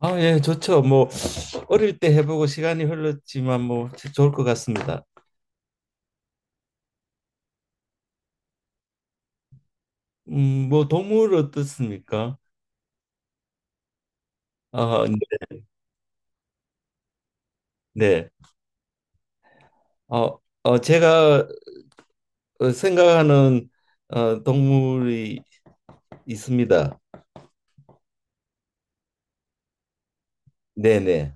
아, 예, 좋죠. 뭐 어릴 때 해보고 시간이 흘렀지만 뭐 좋을 것 같습니다. 뭐 동물 어떻습니까? 아, 네. 제가 생각하는 동물이 있습니다. 네, 네.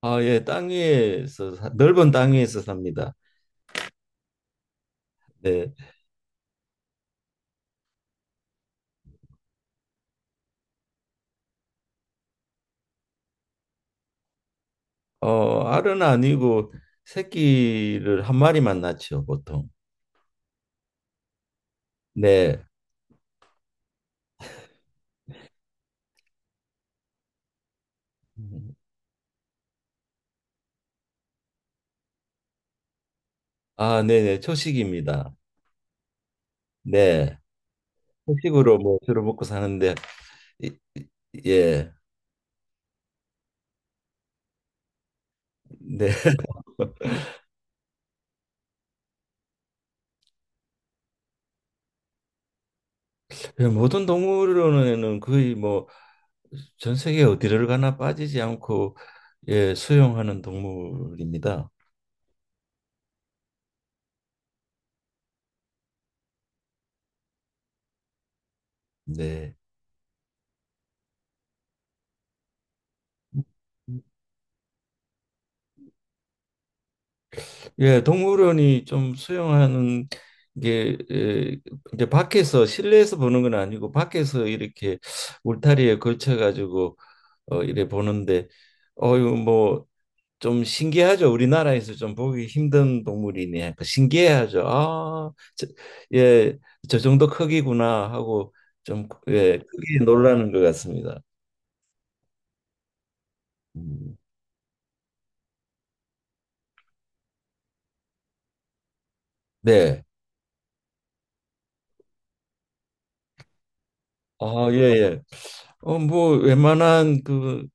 아, 예, 넓은 땅 위에서 삽니다. 네. 알은 아니고 새끼를 한 마리만 낳죠, 보통. 네. 음, 아, 네, 네. 초식입니다. 네. 채식으로 뭐 주로 먹고 사는데 이- 이- 예, 네. 예, 모든 동물원에는 거의 뭐 전 세계 어디를 가나 빠지지 않고 예, 수용하는 동물입니다. 네. 예, 동물원이 좀 수용하는 게 예, 이제 밖에서 실내에서 보는 건 아니고 밖에서 이렇게 울타리에 걸쳐 가지고 이래 보는데 어유 뭐 좀 신기하죠. 우리나라에서 좀 보기 힘든 동물이네. 그 신기해하죠. 아, 저, 예, 저 정도 크기구나 하고 좀 예, 크게 놀라는 것 같습니다. 음, 네. 아, 예, 예. 뭐 웬만한 그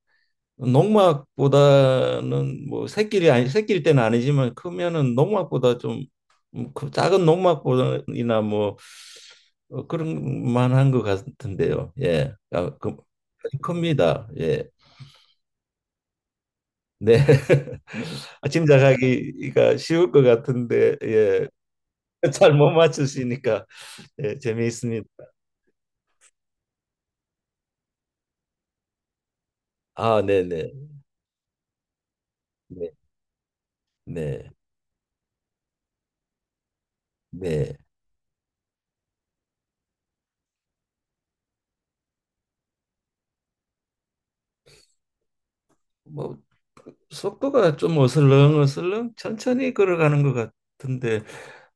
농막보다는 뭐 새끼리 아니 새끼일 때는 아니지만 크면은 농막보다 좀그 작은 농막보다나 뭐 그런 만한 것 같은데요. 예, 아, 그 큽니다. 예, 네. 아, 짐작하기가 쉬울 것 같은데 예, 잘 못 맞추시니까 예, 재미있습니다. 아, 네네. 네, 네, 네. 뭐 속도가 좀 어슬렁어슬렁 천천히 걸어가는 것 같은데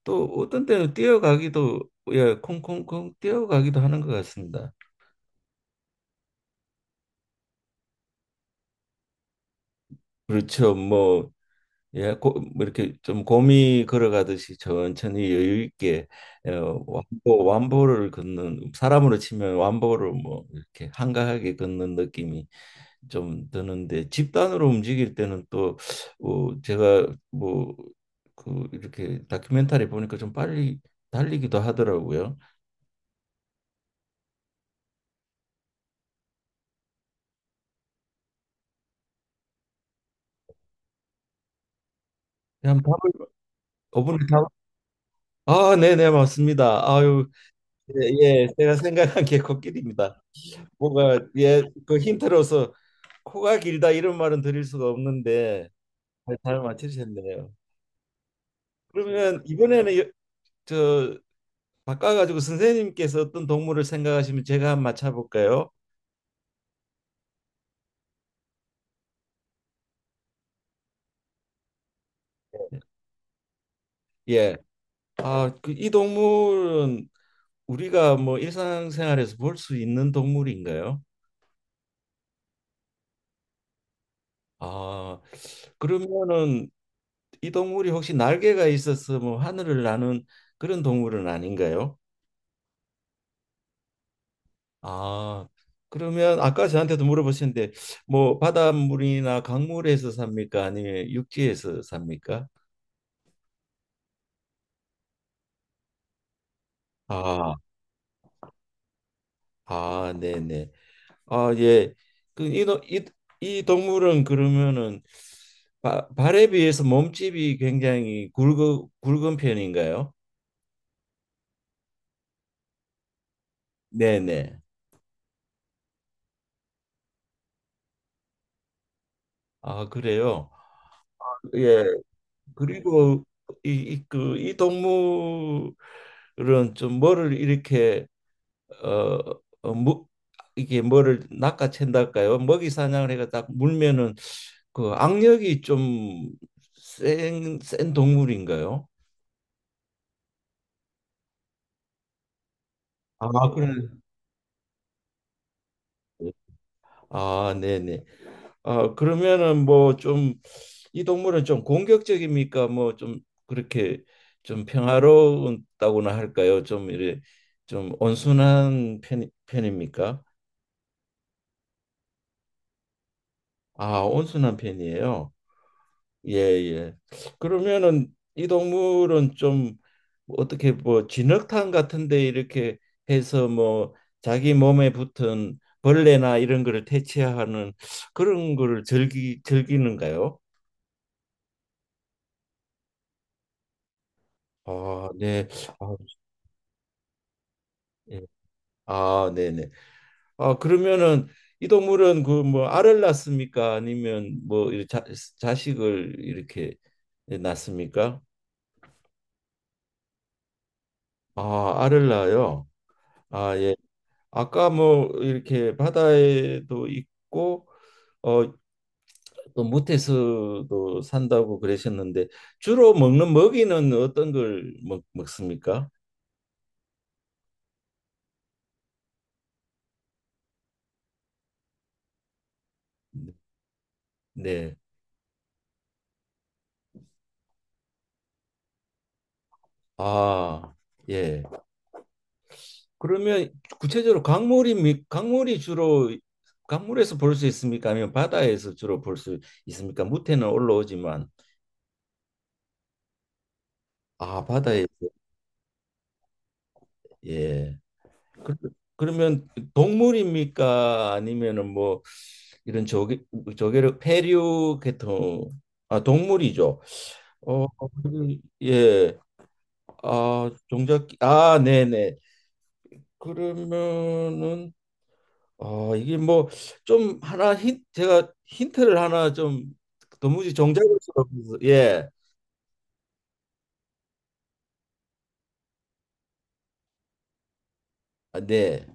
또 어떤 때는 뛰어가기도 예 콩콩콩 뛰어가기도 하는 것 같습니다. 그렇죠. 뭐 예, 고, 뭐 이렇게 좀 곰이 걸어가듯이 천천히 여유 있게 예, 완보를 걷는 사람으로 치면 완보를 뭐 이렇게 한가하게 걷는 느낌이 좀 드는데 집단으로 움직일 때는 또 제가 뭐 그 이렇게 다큐멘터리 보니까 좀 빨리 달리기도 하더라고요. 그냥 밥을 어분을 다 아, 네, 네, 맞습니다. 아유, 예, 예, 제가 생각한 게 코끼리입니다. 뭐가 예, 그 힌트로서 코가 길다 이런 말은 드릴 수가 없는데 잘 맞히셨네요. 그러면 이번에는 저 바꿔가지고 선생님께서 어떤 동물을 생각하시면 제가 한번 맞춰볼까요? 예. 아, 그, 이 동물은 우리가 뭐 일상생활에서 볼 수 있는 동물인가요? 아, 그러면은 이 동물이 혹시 날개가 있어서 뭐 하늘을 나는 그런 동물은 아닌가요? 아, 그러면 아까 저한테도 물어보셨는데 뭐 바닷물이나 강물에서 삽니까? 아니면 육지에서 삽니까? 아, 아, 네네. 아, 예. 그 이 동물은 그러면은 발에 비해서 몸집이 굉장히 굵은 편인가요? 네네. 아, 그래요. 예. 그리고 이 동물은 좀 뭐를 이렇게 어, 어 무, 이게 뭐를 낚아챈달까요? 먹이 사냥을 해가 딱 물면은 그 악력이 좀 센 동물인가요? 아, 그래. 아, 네네. 아, 그러면은 뭐 좀 이 동물은 좀 공격적입니까? 뭐 좀 그렇게 좀 평화롭다고나 할까요? 좀 이래 좀 온순한 편입니까? 아, 온순한 편이에요. 예, 예. 그러면은 이 동물은 좀 어떻게 뭐 진흙탕 같은데 이렇게 해서 뭐 자기 몸에 붙은 벌레나 이런 거를 퇴치하는 그런 거를 즐기는가요? 아, 네. 아, 예. 아, 네네. 아, 그러면은 이 동물은 그 뭐 알을 낳습니까? 아니면 뭐 이렇게 자, 자식을 이렇게 낳습니까? 아, 알을 낳아요. 아, 예. 아까 뭐 이렇게 바다에도 있고 어, 또 무태서도 산다고 그러셨는데 주로 먹는 먹이는 어떤 걸 먹습니까? 네. 네. 아, 예. 그러면 구체적으로 강물이 주로 강물에서 볼 수 있습니까? 아니면 바다에서 주로 볼 수 있습니까? 무태는 올라오지만 아 바다에서 예. 그, 그러면 동물입니까? 아니면은 뭐 이런 조개를 페류 계통 아 동물이죠. 어 예. 아 종잡기 아 네네. 그러면은 어, 이게 뭐 좀 하나 힌 제가 힌트를 하나 좀 도무지 정작을 수가 없어서 예. 아, 네.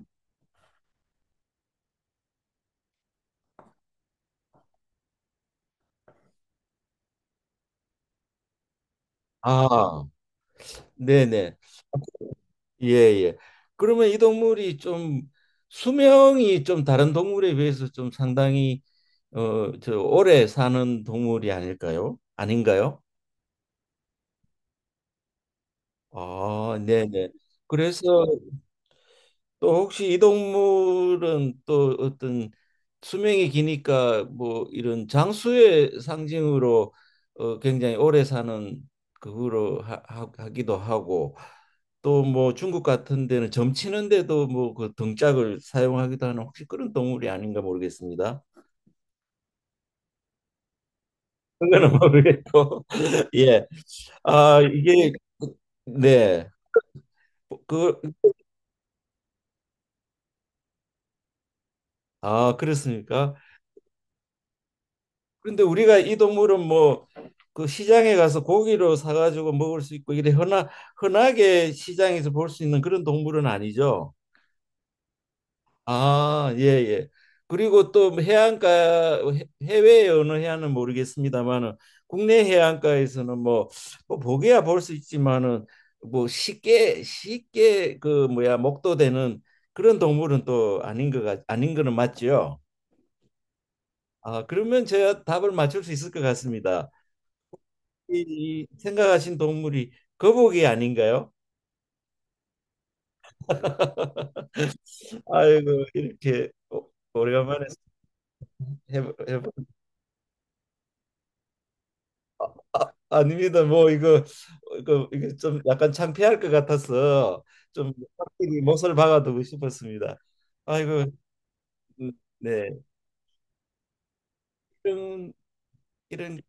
아, 네네. 예, 예. 그러면 이 동물이 좀 수명이 좀 다른 동물에 비해서 좀 상당히 어, 저 오래 사는 동물이 아닐까요? 아닌가요? 아, 네네. 그래서 또 혹시 이 동물은 또 어떤 수명이 기니까 뭐 이런 장수의 상징으로 어 굉장히 오래 사는 그거로 하기도 하고 또 뭐 중국 같은 데는 점치는데도 뭐 그 등짝을 사용하기도 하는 혹시 그런 동물이 아닌가 모르겠습니다. 그거는 모르겠고 예. 아 이게 그, 네. 그 아 그렇습니까? 그런데 우리가 이 동물은 뭐 그 시장에 가서 고기로 사가지고 먹을 수 있고 이래 흔하게 시장에서 볼 수 있는 그런 동물은 아니죠. 아, 예, 예. 그리고 또 해외의 어느 해안은 모르겠습니다만은 국내 해안가에서는 뭐, 뭐 보게야 볼 수 있지만은 뭐 쉽게 그 뭐야 목도되는 그런 동물은 또 아닌 것 아닌 거는 맞죠. 아, 그러면 제가 답을 맞출 수 있을 것 같습니다. 이 생각하신 동물이 거북이 아닌가요? 아이고 이렇게 오래간만에 해보. 아, 아닙니다. 뭐 이거 이게 좀 약간 창피할 것 같아서 좀 확실히 몫을 박아두고 싶었습니다. 아이고 음, 네 이런 이런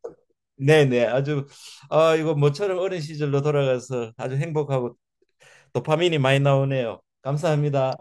네네 아주 아 이거 모처럼 어린 시절로 돌아가서 아주 행복하고 도파민이 많이 나오네요. 감사합니다.